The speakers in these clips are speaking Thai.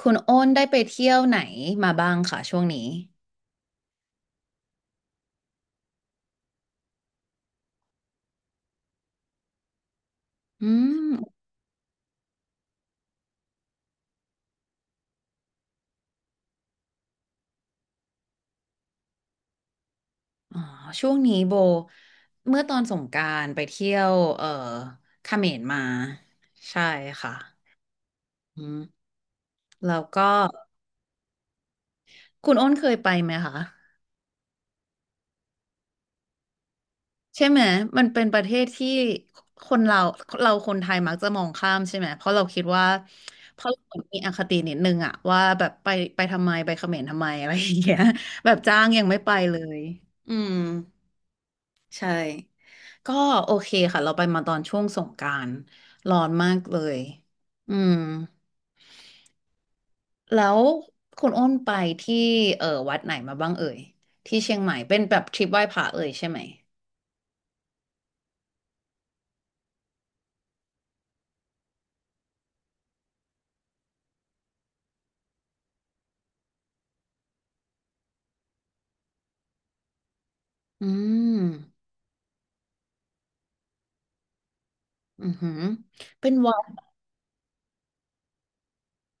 คุณโอ้นได้ไปเที่ยวไหนมาบ้างค่ะช่วงนี้อืมอ๋อช่วงนี้โบเมื่อตอนสงกรานต์ไปเที่ยวเขมรมา ใช่ค่ะอืมแล้วก็ คุณโอ้นเคยไปไหมคะใช่ไหม มันเป็นประเทศที่คนเราคนไทยมักจะมองข้ามใช่ไหม เพราะเราคิดว่า เพราะเรามีอคตินิดนึงอะว่าแบบไปทำไมไปเขมรทำไมอะไรอย่างเงี้ยแบบจ้างยังไม่ไปเลย อืม ใช่ก็โอเคค่ะเราไปมาตอนช่วงสงกรานต์ร้อนมากเลยอืมแล้วคุณอ้นไปที่เออวัดไหนมาบ้างเอ่ยที่เชียงใหม่เป็นแบบทริปไหว้พระเอ่ยใช่ไหม อืมอือหือเป็นวัด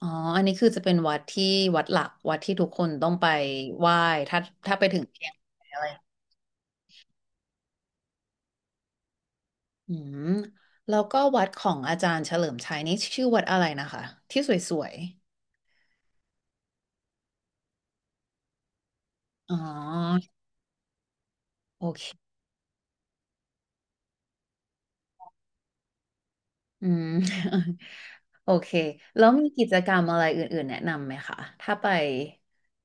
อ๋ออันนี้คือจะเป็นวัดที่วัดหลักวัดที่ทุกคนต้องไปไหว้ถ้าถ้าไปถึงเชียงใหม่อะไรอืมแล้วก็วัดของอาจารย์เฉลิมชัยนี่ชื่อวัดอะไรนะคะที่สวยๆอ๋อโอเค อืม โอเคแล้วมีกิจกรรมอะไรอื่นๆแนะนำไหมคะถ้าไป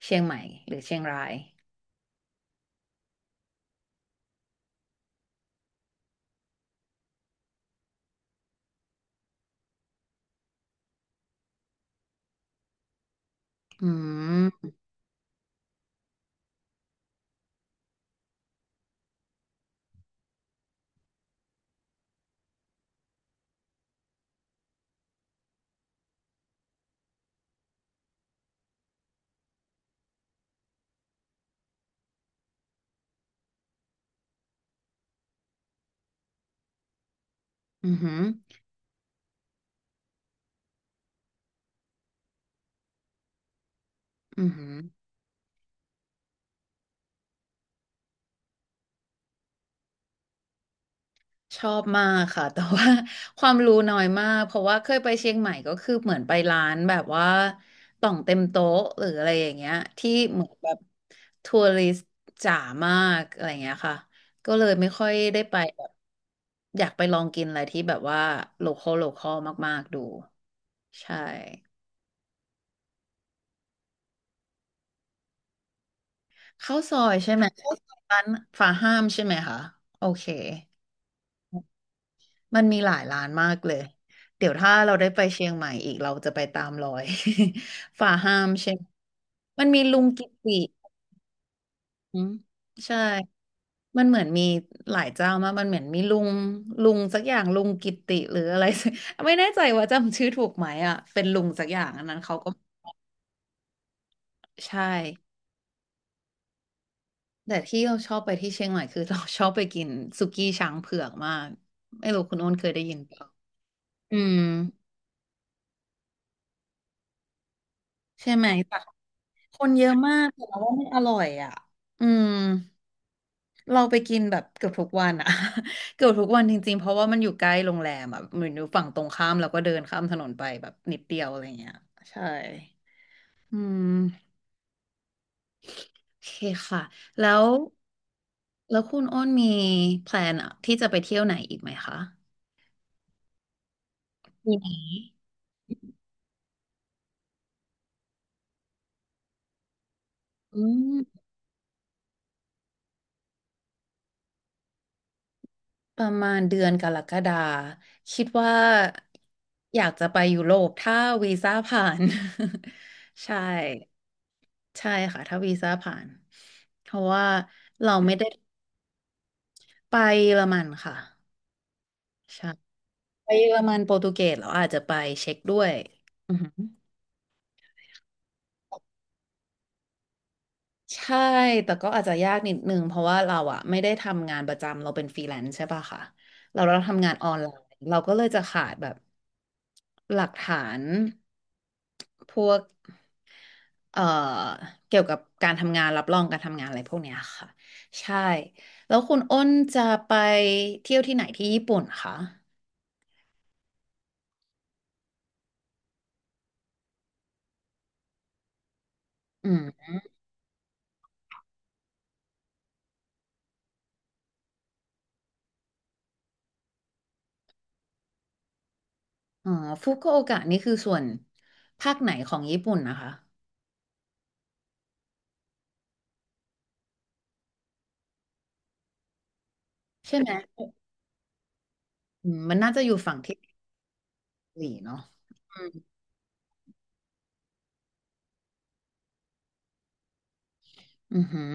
เชียงใหม่หรือเชียงรายอืมอือหืออือหือ ชอบมากค่ะ แต่ว่า ความรู้น้อยมากเพราะว่าเคยไปเชียงใหม่ก็คือเหมือนไปร้านแบบว่าต่องเต็มโต๊ะหรืออะไรอย่างเงี้ยที่เหมือนแบบทัวริสต์จ๋ามากอะไรอย่างเงี้ยค่ะก็เลยไม่ค่อยได้ไปแบบอยากไปลองกินอะไรที่แบบว่าโลคอลมากๆดูใช่ข้าวซอยใช่ไหมข้าวซอยร้านฝาห้ามใช่ไหมคะโอเค มันมีหลายร้านมากเลย เดี๋ยวถ้าเราได้ไปเชียงใหม่อีกเราจะไปตามรอย ฝ่าห้ามเชียงมันมีลุงกิติอืมใช่มันเหมือนมีหลายเจ้ามากมันเหมือนมีลุงสักอย่างลุงกิติหรืออะไร สักไม่แน่ใจว่าจำชื่อถูกไหมอ่ะเป็นลุงสักอย่างอันนั้นเขาก็ใช่แต่ที่เราชอบไปที่เชียงใหม่คือเราชอบไปกินสุกี้ช้างเผือกมากไม่รู้คุณโอ้นเคยได้ยินเปล่าอืม ใช่ไหมแต่คนเยอะมากแต่ว่าไม่อร่อยอ่ะอืมเราไปกินแบบเกือบทุกวันอ่ะ เกือบทุกวันจริงๆเพราะว่ามันอยู่ใกล้โรงแรมอ่ะเหมือนอยู่ฝั่งตรงข้ามแล้วก็เดินข้ามถนนไปแบบนิดเดียวอะไรเงี้ยใช่อืมโอเคค่ะแล้วแล้วคุณอ้นมีแพลนอะที่จะไปเที่ยวไหนอีกไหมคะมีไหมอืม ประมาณเดือนกรกฎาคิดว่าอยากจะไปยุโรปถ้าวีซ่าผ่าน ใช่ใช่ค่ะถ้าวีซ่าผ่านเพราะว่าเราไม่ได้ไปเยอรมันค่ะใช่ไปเยอรมันโปรตุเกสเราอาจจะไปเช็กด้วยอือหือใช่แต่ก็อาจจะยากนิดนึงเพราะว่าเราอะไม่ได้ทำงานประจำเราเป็นฟรีแลนซ์ใช่ป่ะค่ะเราทำงานออนไลน์เราก็เลยจะขาดแบบหลักฐานพวก เอ่อเกี่ยวกับการทำงานรับรองการทำงานอะไรพวกเนี้ยค่ะใช่แล้วคุณอ้นจะไปเที่ยวที่ไหนที่ญี่ปุ่นคะอืมอ๋อฟุกุโอกะนี่คือส่วนภาคไหนของญี่ปุ่นนะคะใช่ไหมอืมมันน่าจะอยู่ฝั่งที่เกาหลีเนาะอืมอือหือ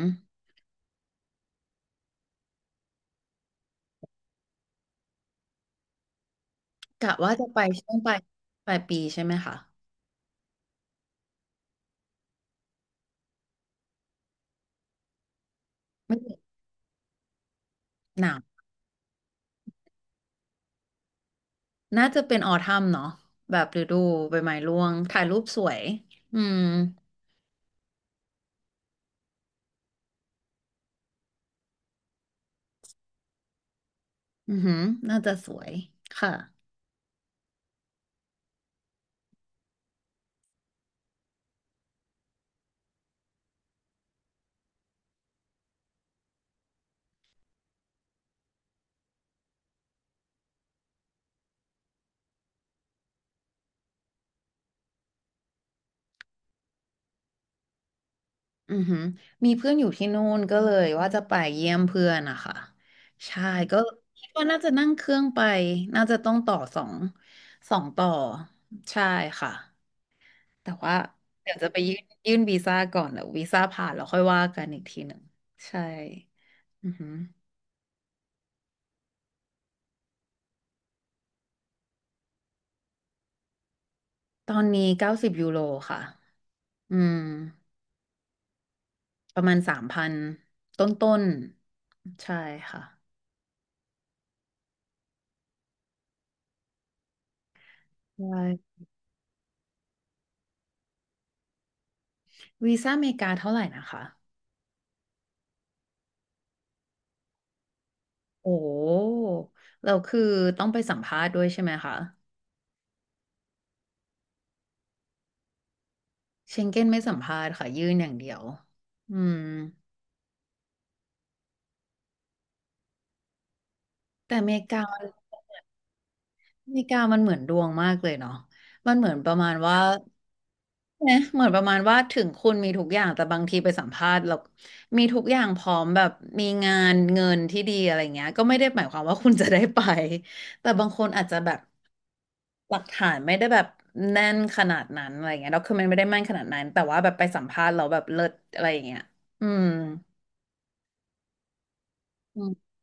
กะว่าจะไปช่วงปลายปลายปีใช่ไหมคะไม่ถึงหนาวน่าจะเป็นออทัมเนาะแบบฤดูใบไม้ร่วงถ่ายรูปสวยอืมอือหือน่าจะสวยค่ะ อือหือมีเพื่อนอยู่ที่นู่นก็เลยว่าจะไปเยี่ยมเพื่อนนะคะใช่ก็คิดว่าน่าจะนั่งเครื่องไปน่าจะต้องต่อสองสองต่อใช่ค่ะแต่ว่าเดี๋ยวจะไปยื่นวีซ่าก่อนเดี๋ยววีซ่าผ่านแล้วค่อยว่ากันอีกทีหนึ่งใช่อือหือตอนนี้90 ยูโรค่ะอืมประมาณ3,000ต้นต้นๆใช่ค่ะใช่วีซ่าอเมริกาเท่าไหร่นะคะ โอ้เราคือต้องไปสัมภาษณ์ด้วยใช่ไหมคะเชงเก้นไม่สัมภาษณ์ค่ะยื่นอย่างเดียวอืมแต่อเมริกามันเหมือนดวงมากเลยเนาะมันเหมือนประมาณว่าเนะเหมือนประมาณว่าถึงคุณมีทุกอย่างแต่บางทีไปสัมภาษณ์แล้วมีทุกอย่างพร้อมแบบมีงานเงินที่ดีอะไรเงี้ยก็ไม่ได้หมายความว่าคุณจะได้ไปแต่บางคนอาจจะแบบ หลักฐานไม่ได้แบบแน่นขนาดนั้นอะไรเงี้ยด็อกคือมันไม่ได้แม่นขนาดนั้นแต่ว่าแบบไปสัมภาษณ์เราแล้วแบบเลิศอะไรอย่างเงี้ยอืมอืม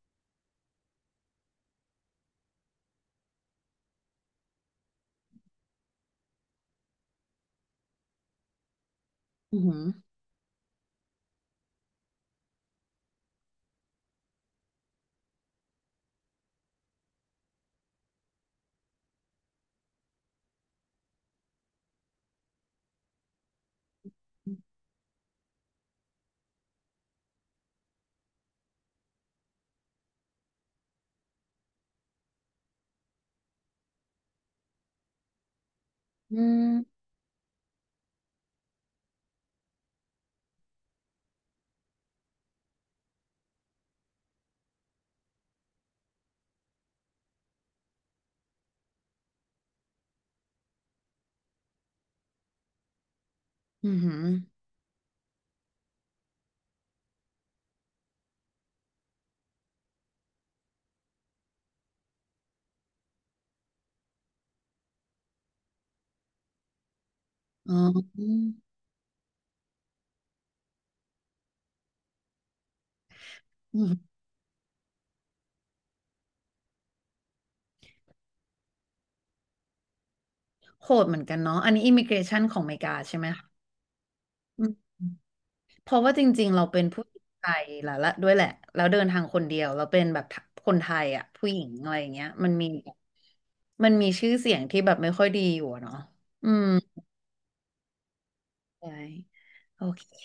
อืมอืมอืมอ๋ออืมอืมโหดเหมือนกันเนาะอันนี้อิมิเกรชันของอเมริกาใช่ไหมคะอืมเพราะว่าจริงๆเราเป็นผู้หญิงไทยแล้วละด้วยแหละแล้วเดินทางคนเดียวเราเป็นแบบคนไทยอ่ะผู้หญิงอะไรอย่างเงี้ยมันมีมีชื่อเสียงที่แบบไม่ค่อยดีอยู่อะเนาะอืมใช่โอเค